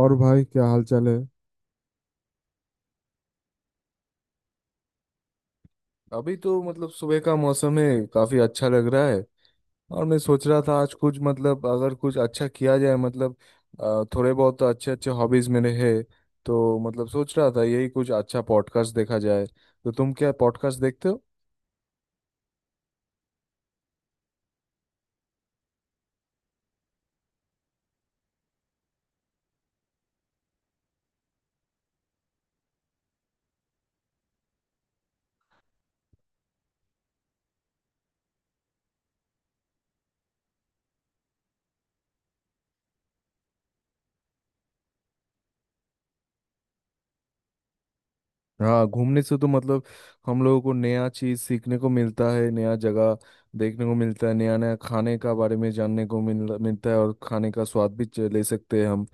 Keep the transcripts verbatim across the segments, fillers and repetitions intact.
और भाई क्या हाल चाल है। अभी तो मतलब सुबह का मौसम है, काफी अच्छा लग रहा है। और मैं सोच रहा था आज कुछ मतलब अगर कुछ अच्छा किया जाए मतलब अ, थोड़े बहुत तो अच्छे अच्छे हॉबीज मेरे हैं। तो मतलब सोच रहा था यही कुछ अच्छा पॉडकास्ट देखा जाए। तो तुम क्या पॉडकास्ट देखते हो? हाँ, घूमने से तो मतलब हम लोगों को नया चीज सीखने को मिलता है, नया जगह देखने को मिलता है, नया नया खाने का बारे में जानने को मिल मिलता है और खाने का स्वाद भी च- ले सकते हैं हम।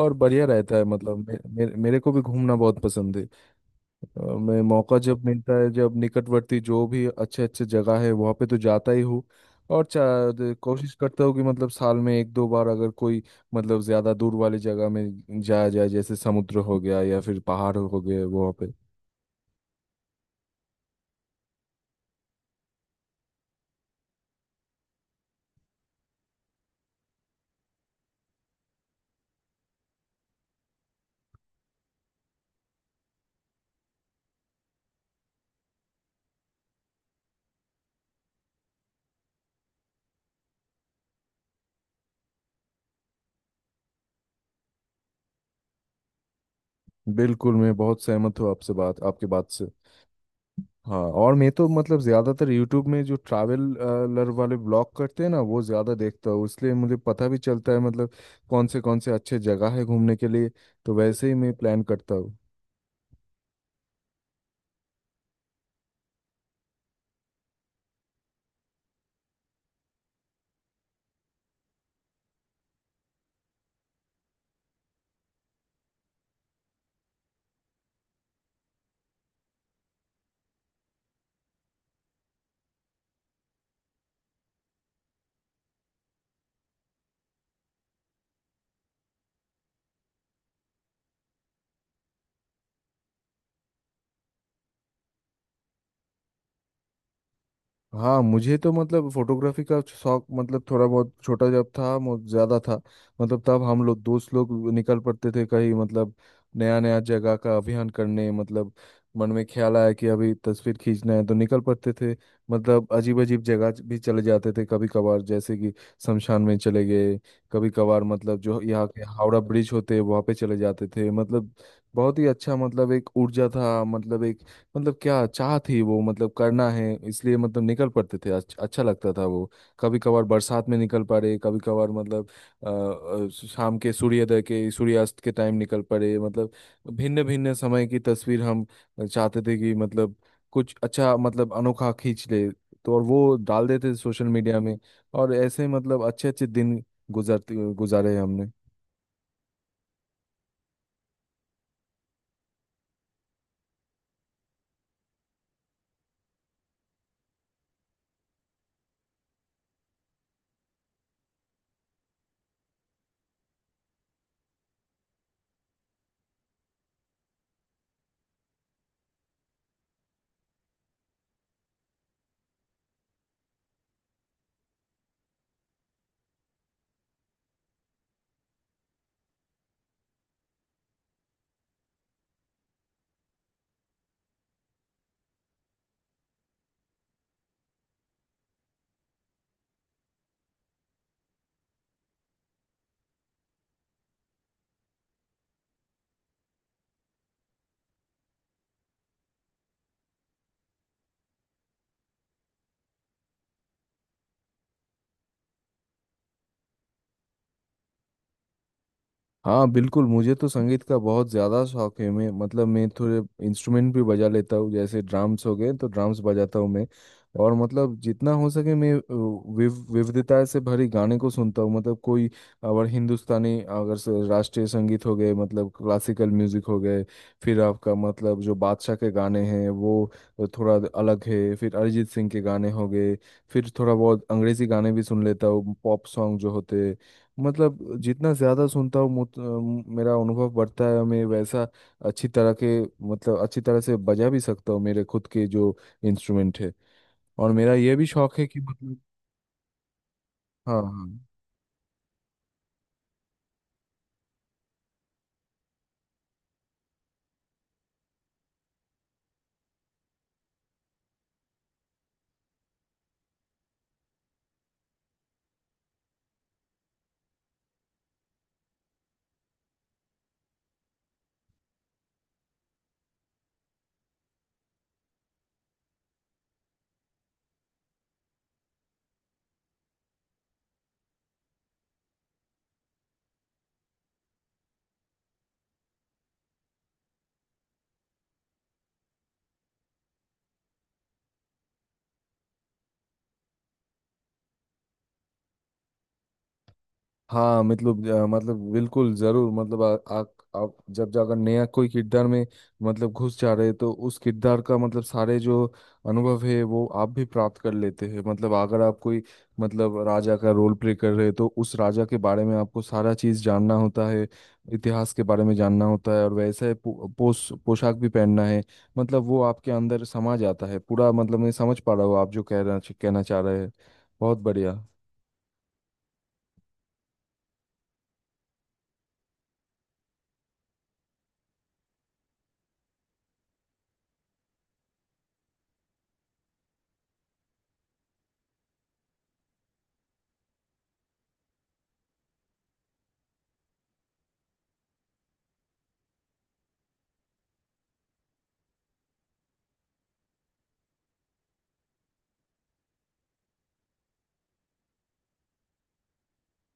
और बढ़िया रहता है। मतलब मे, मेरे, मेरे को भी घूमना बहुत पसंद है। अ, मैं मौका जब मिलता है जब निकटवर्ती जो भी अच्छे अच्छे जगह है वहाँ पे तो जाता ही हूँ। और चा- दे- कोशिश करता हूँ कि मतलब साल में एक दो बार अगर कोई मतलब ज्यादा दूर वाली जगह में जाया जाए, जैसे समुद्र हो गया या फिर पहाड़ हो गए वहाँ पे। बिल्कुल, मैं बहुत सहमत हूँ आपसे, बात आपके बात से। हाँ, और मैं तो मतलब ज़्यादातर यूट्यूब में जो ट्रैवलर वाले ब्लॉग करते हैं ना, वो ज़्यादा देखता हूँ। इसलिए मुझे पता भी चलता है मतलब कौन से कौन से अच्छे जगह है घूमने के लिए। तो वैसे ही मैं प्लान करता हूँ। हाँ, मुझे तो मतलब फोटोग्राफी का शौक मतलब थोड़ा बहुत छोटा जब था मु- ज्यादा था। मतलब तब हम लोग दोस्त लोग निकल पड़ते थे कहीं मतलब नया नया जगह का अभियान करने मतलब मन में ख्याल आया कि अभी तस्वीर खींचना है तो निकल पड़ते थे। मतलब अजीब अजीब जगह भी चले जाते थे कभी कभार, जैसे कि शमशान में चले गए। कभी कभार मतलब जो यहाँ के हावड़ा ब्रिज होते हैं वहाँ पे चले जाते थे। मतलब बहुत ही अच्छा, मतलब एक ऊर्जा था, मतलब एक मतलब क्या चाह थी वो मतलब करना है इसलिए मतलब निकल पड़ते थे। अच्छ, अच्छा लगता था वो। कभी कभार बरसात में निकल पड़े। कभी कभार मतलब अ, अ, शाम के सूर्योदय के सूर्यास्त के टाइम निकल पड़े। मतलब भिन्न भिन्न समय की तस्वीर हम चाहते थे कि मतलब कुछ अच्छा मतलब अनोखा खींच ले। तो और वो डाल देते थे सोशल मीडिया में। और ऐसे मतलब अच्छे अच्छे दिन गुजरते गुजारे हमने। हाँ बिल्कुल। मुझे तो संगीत का बहुत ज़्यादा शौक है। मैं मतलब मैं थोड़े इंस्ट्रूमेंट भी बजा लेता हूँ, जैसे ड्राम्स हो गए तो ड्राम्स बजाता हूँ मैं। और मतलब जितना हो सके मैं अ, विव विविधता से भरे गाने को सुनता हूँ। मतलब कोई अगर हिंदुस्तानी अगर स- राष्ट्रीय संगीत हो गए मतलब क्लासिकल म्यूजिक हो गए, फिर आपका मतलब जो बादशाह के गाने हैं वो थोड़ा अलग है, फिर अरिजीत सिंह के गाने हो गए, फिर थोड़ा बहुत अंग्रेजी गाने भी सुन लेता हूँ, पॉप सॉन्ग जो होते हैं। मतलब जितना ज़्यादा सुनता हूँ मुत- अ, मेरा अनुभव बढ़ता है। मैं वैसा अच्छी तरह के मतलब अच्छी तरह से बजा भी सकता हूँ मेरे खुद के जो इंस्ट्रूमेंट है। और मेरा ये भी शौक है कि मतलब। हाँ हाँ हाँ। मतलब अ, मतलब बिल्कुल जरूर। मतलब आ, आ, आप जब जाकर नया कोई किरदार में मतलब घुस जा रहे हैं, तो उस किरदार का मतलब सारे जो अनुभव है वो आप भी प्राप्त कर लेते हैं। मतलब अगर आप कोई मतलब राजा का रोल प्ले कर रहे हैं तो उस राजा के बारे में आपको सारा चीज जानना होता है। इतिहास के बारे में जानना होता है और वैसे पो, पोश पोशाक भी पहनना है। मतलब वो आपके अंदर समा जाता है पूरा। मतलब मैं समझ पा रहा हूँ आप जो कह रहा कहना चाह रहे हैं। बहुत बढ़िया।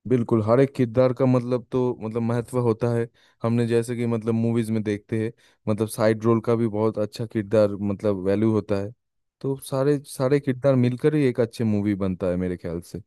बिल्कुल, हर एक किरदार का मतलब तो मतलब महत्व होता है। हमने जैसे कि मतलब मूवीज में देखते हैं मतलब साइड रोल का भी बहुत अच्छा किरदार मतलब वैल्यू होता है। तो सारे सारे किरदार मिलकर ही एक अच्छे मूवी बनता है मेरे ख्याल से।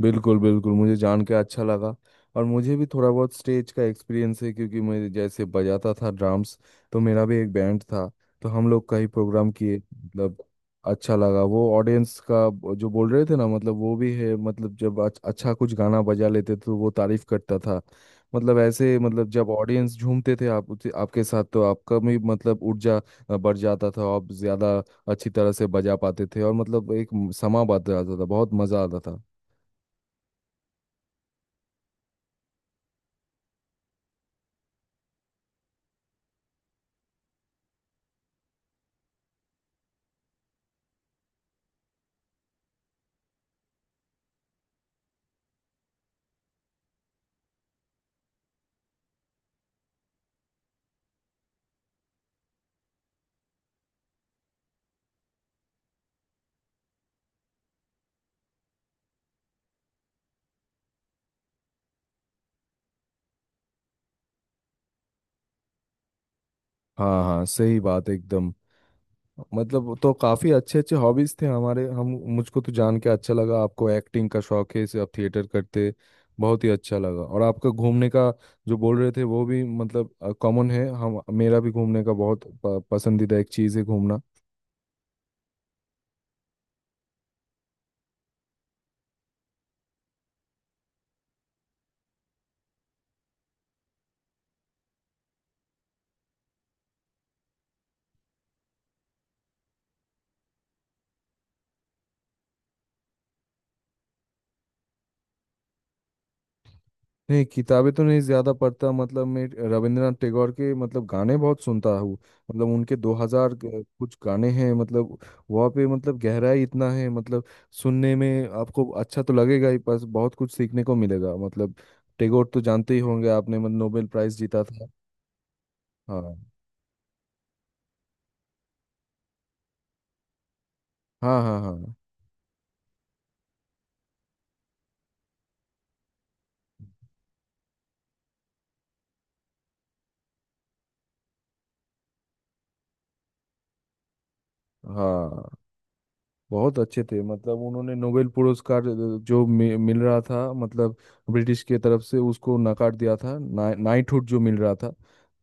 बिल्कुल बिल्कुल, मुझे जान के अच्छा लगा। और मुझे भी थोड़ा बहुत स्टेज का एक्सपीरियंस है, क्योंकि मैं जैसे बजाता था ड्राम्स, तो मेरा भी एक बैंड था। तो हम लोग कई प्रोग्राम किए मतलब अच्छा लगा वो ऑडियंस का ब- जो बोल रहे थे ना मतलब वो भी है। मतलब जब अच- अच्छा कुछ गाना बजा लेते तो वो तारीफ करता था। मतलब ऐसे मतलब जब ऑडियंस झूमते थे आप उसे- आपके साथ तो आपका भी मतलब ऊर्जा अ, बढ़ जाता था। आप ज्यादा अच्छी तरह से बजा पाते थे। और मतलब एक म- समा बात जाता था, बहुत मजा आता था। हाँ हाँ, सही बात एकदम। मतलब तो काफ़ी अच्छे अच्छे हॉबीज़ थे हमारे हम। मुझको तो जान के अच्छा लगा आपको एक्टिंग का शौक है, इसे आप थिएटर करते। बहुत ही अच्छा लगा। और आपका घूमने का जो बोल रहे थे वो भी मतलब कॉमन है। हम मेरा भी घूमने का बहुत प- पसंदीदा एक चीज़ है घूमना। नहीं, किताबें तो नहीं ज़्यादा पढ़ता। मतलब मैं रविंद्रनाथ टैगोर के मतलब गाने बहुत सुनता हूँ। मतलब उनके दो हज़ार ग- कुछ गाने हैं मतलब वहाँ पे मतलब गहराई इतना है मतलब। सुनने में आपको अच्छा तो लगेगा ही पर बहुत कुछ सीखने को मिलेगा। मतलब टैगोर तो जानते ही होंगे आपने, मतलब नोबेल प्राइज जीता था। हाँ हाँ हाँ। हाँ हाँ, बहुत अच्छे थे। मतलब उन्होंने नोबेल पुरस्कार अ, जो मि, मिल रहा था मतलब ब्रिटिश के तरफ से, उसको नकार दिया था ना, नाइटहुड जो मिल रहा था।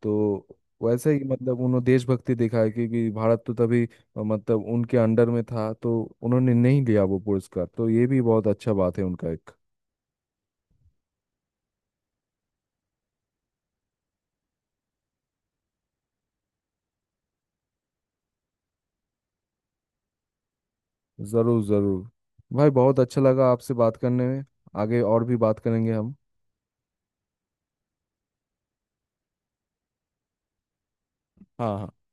तो वैसे ही मतलब उन्होंने देशभक्ति दिखाई, क्योंकि भारत तो तभी अ, मतलब उनके अंडर में था तो उन्होंने नहीं लिया वो पुरस्कार। तो ये भी बहुत अच्छा बात है उनका एक। जरूर जरूर। भाई बहुत अच्छा लगा आपसे बात करने में। आगे और भी बात करेंगे हम। हाँ हाँ।